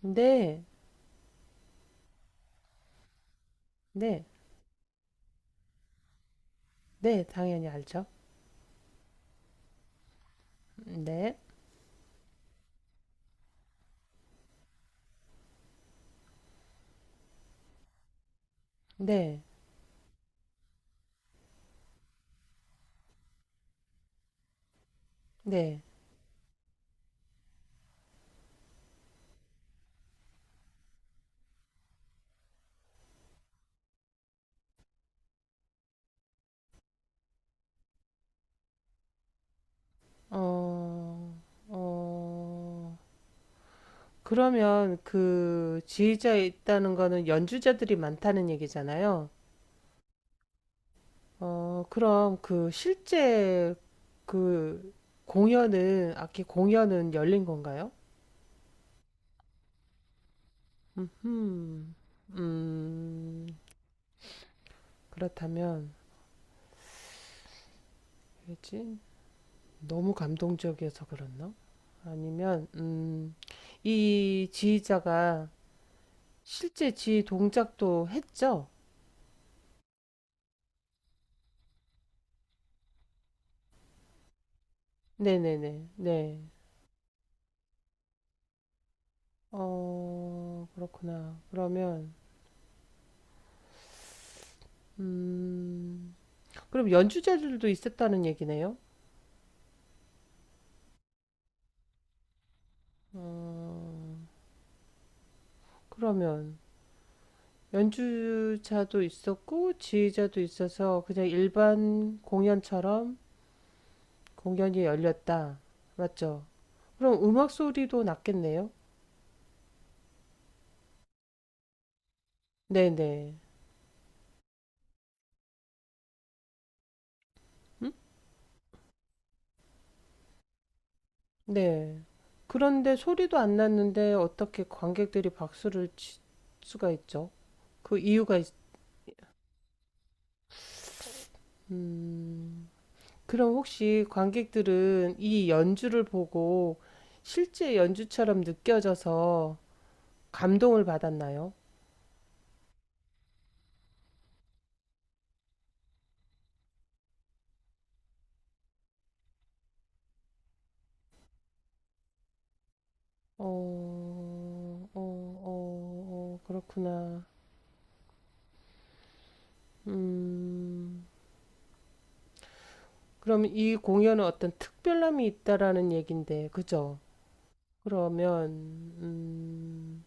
네, 네, 네, 당연히 알죠. 네, 네, 네. 어, 어, 그러면 그 지휘자에 있다는 거는 연주자들이 많다는 얘기잖아요. 어, 그럼 그 실제 그 공연은, 악기 공연은 열린 건가요? 음, 음, 그렇다면, 뭐지? 너무 감동적이어서 그랬나? 아니면 이 지휘자가 실제 지휘 동작도 했죠? 네네네. 네. 어, 그렇구나. 그러면 음, 그럼 연주자들도 있었다는 얘기네요? 어, 그러면 연주자도 있었고 지휘자도 있어서 그냥 일반 공연처럼 공연이 열렸다. 맞죠? 그럼 음악 소리도 났겠네요? 네네. 네. 그런데 소리도 안 났는데 어떻게 관객들이 박수를 칠 수가 있죠? 그 이유가 있... 음, 그럼 혹시 관객들은 이 연주를 보고 실제 연주처럼 느껴져서 감동을 받았나요? 어, 어, 어, 어, 그렇구나. 음, 그럼 이 공연은 어떤 특별함이 있다라는 얘긴데, 그죠? 그러면, 음,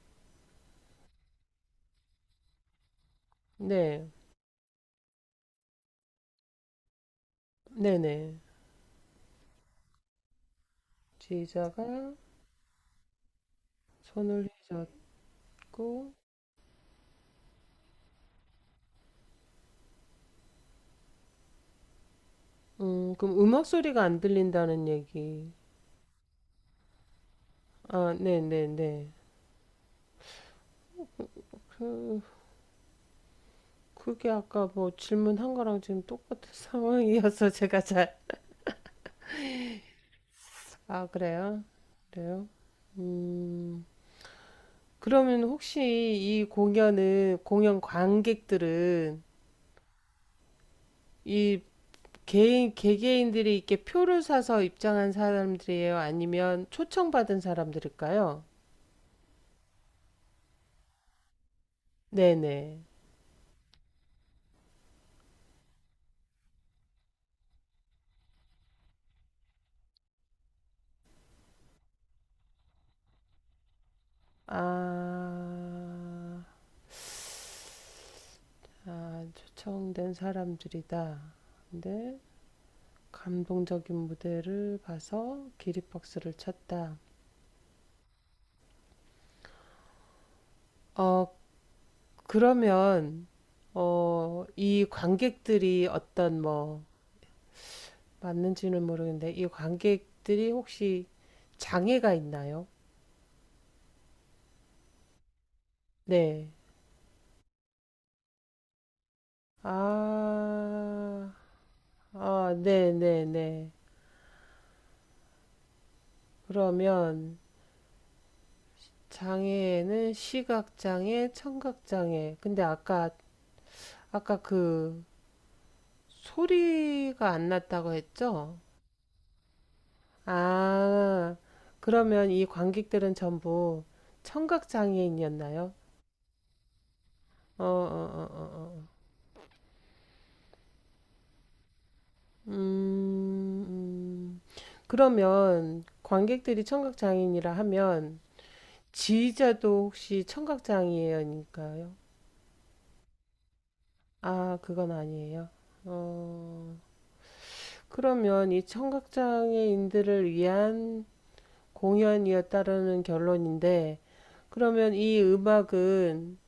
네, 네네. 지휘자가 손을 해줬고 그럼 음악 소리가 안 들린다는 얘기. 아, 네네네. 그, 그게 아까 뭐 질문한 거랑 지금 똑같은 상황이어서 제가 잘, 아, 그래요? 그래요? 음, 그러면 혹시 이 공연은, 공연 관객들은 이 개개인들이 이렇게 표를 사서 입장한 사람들이에요? 아니면 초청받은 사람들일까요? 네네. 아, 초청된 사람들이다. 근데 감동적인 무대를 봐서 기립박수를 쳤다. 어, 그러면, 어, 이 관객들이 어떤 뭐, 맞는지는 모르겠는데, 이 관객들이 혹시 장애가 있나요? 네. 아, 아, 네네네. 그러면, 장애는 시각장애, 청각장애. 근데 아까 그 소리가 안 났다고 했죠? 아, 그러면 이 관객들은 전부 청각장애인이었나요? 어, 어, 어, 어, 어. 음, 음. 그러면 관객들이 청각장애인이라 하면 지휘자도 혹시 청각장애인일까요? 아, 그건 아니에요. 어, 그러면 이 청각장애인들을 위한 공연이었다라는 결론인데, 그러면 이 음악은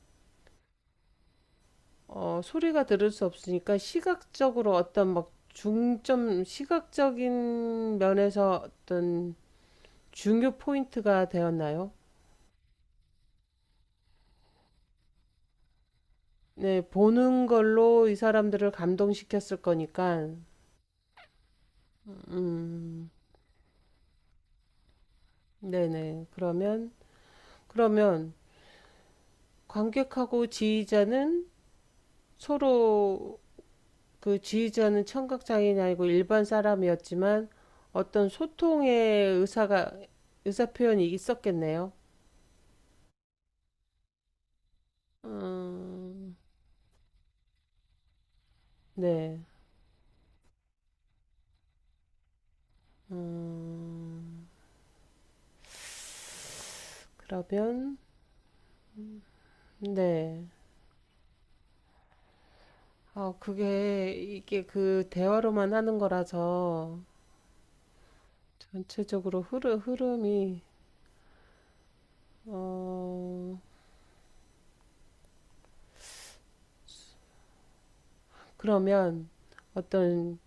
소리가 들을 수 없으니까 시각적으로 어떤 막 중점, 시각적인 면에서 어떤 중요 포인트가 되었나요? 네, 보는 걸로 이 사람들을 감동시켰을 거니까, 음, 네네. 그러면 관객하고 지휘자는 서로 그 지휘자는 청각장애인이 아니고 일반 사람이었지만 어떤 소통의 의사가, 의사 표현이 있었겠네요. 음, 네. 음, 그러면, 네. 아, 그게, 이게 그 대화로만 하는 거라서 전체적으로 흐름이, 어, 그러면 어떤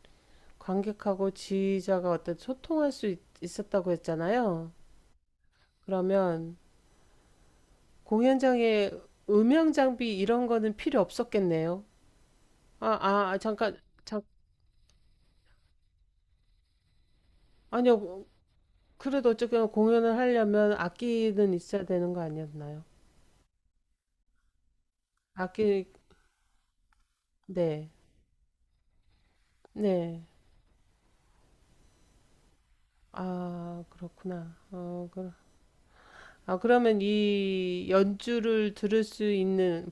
관객하고 지휘자가 어떤 소통할 수 있었다고 했잖아요. 그러면 공연장에 음향 장비 이런 거는 필요 없었겠네요. 아, 아, 아, 잠깐, 잠, 아니요. 그래도 어쨌거나 공연을 하려면 악기는 있어야 되는 거 아니었나요? 악기, 네, 네. 아, 그렇구나. 어, 그, 아, 그러면 이 연주를 들을 수 있는,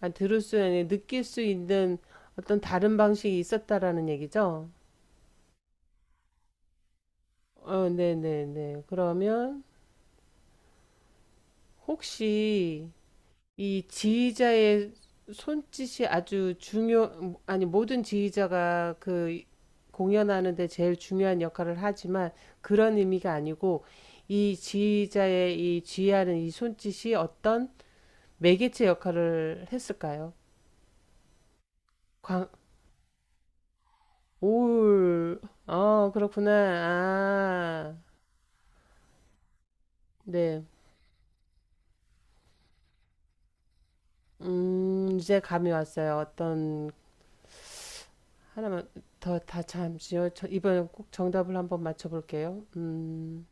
아, 들을 수, 아니, 느낄 수 있는 어떤 다른 방식이 있었다라는 얘기죠? 어, 네네네. 그러면 혹시, 이 지휘자의 손짓이 아주 중요, 아니, 모든 지휘자가 그 공연하는데 제일 중요한 역할을 하지만 그런 의미가 아니고 이 지휘자의 이 지휘하는 이 손짓이 어떤 매개체 역할을 했을까요? 광, 올, 어, 그렇구나. 아, 네. 이제 감이 왔어요. 어떤, 하나만 더, 다 잠시요. 저 이번엔 꼭 정답을 한번 맞춰볼게요. 음.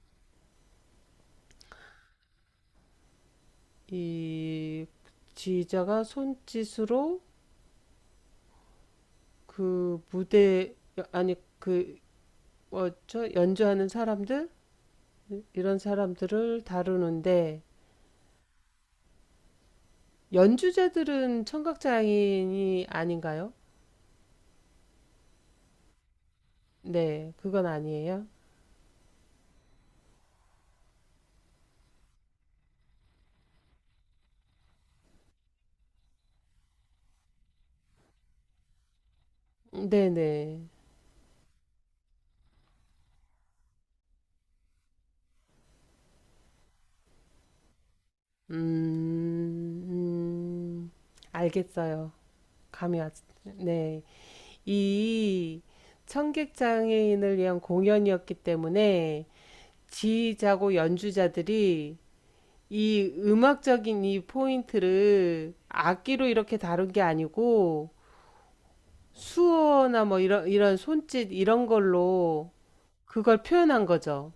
이 지휘자가 손짓으로 그 무대 아니 그 어, 저 연주하는 사람들 이런 사람들을 다루는데 연주자들은 청각 장애인이 아닌가요? 네, 그건 아니에요. 네네. 음, 음, 알겠어요. 감이 왔. 네, 이 청각 장애인을 위한 공연이었기 때문에 지휘자고 연주자들이 이 음악적인 이 포인트를 악기로 이렇게 다룬 게 아니고 수어나 뭐 이런 손짓 이런 걸로 그걸 표현한 거죠.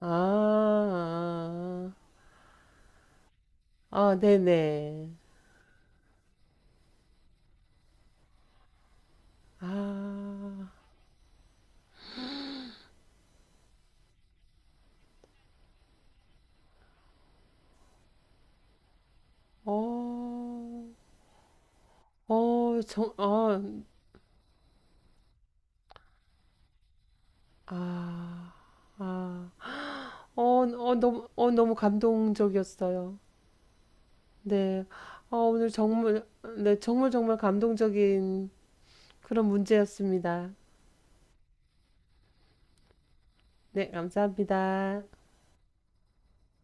아, 아, 아, 아, 네네. 아, 어, 어, 정, 어, 아, 아, 어, 어, 너무, 너무 감동적이었어요. 네, 어, 오늘 정말, 네, 정말 정말 감동적인 그런 문제였습니다. 네, 감사합니다.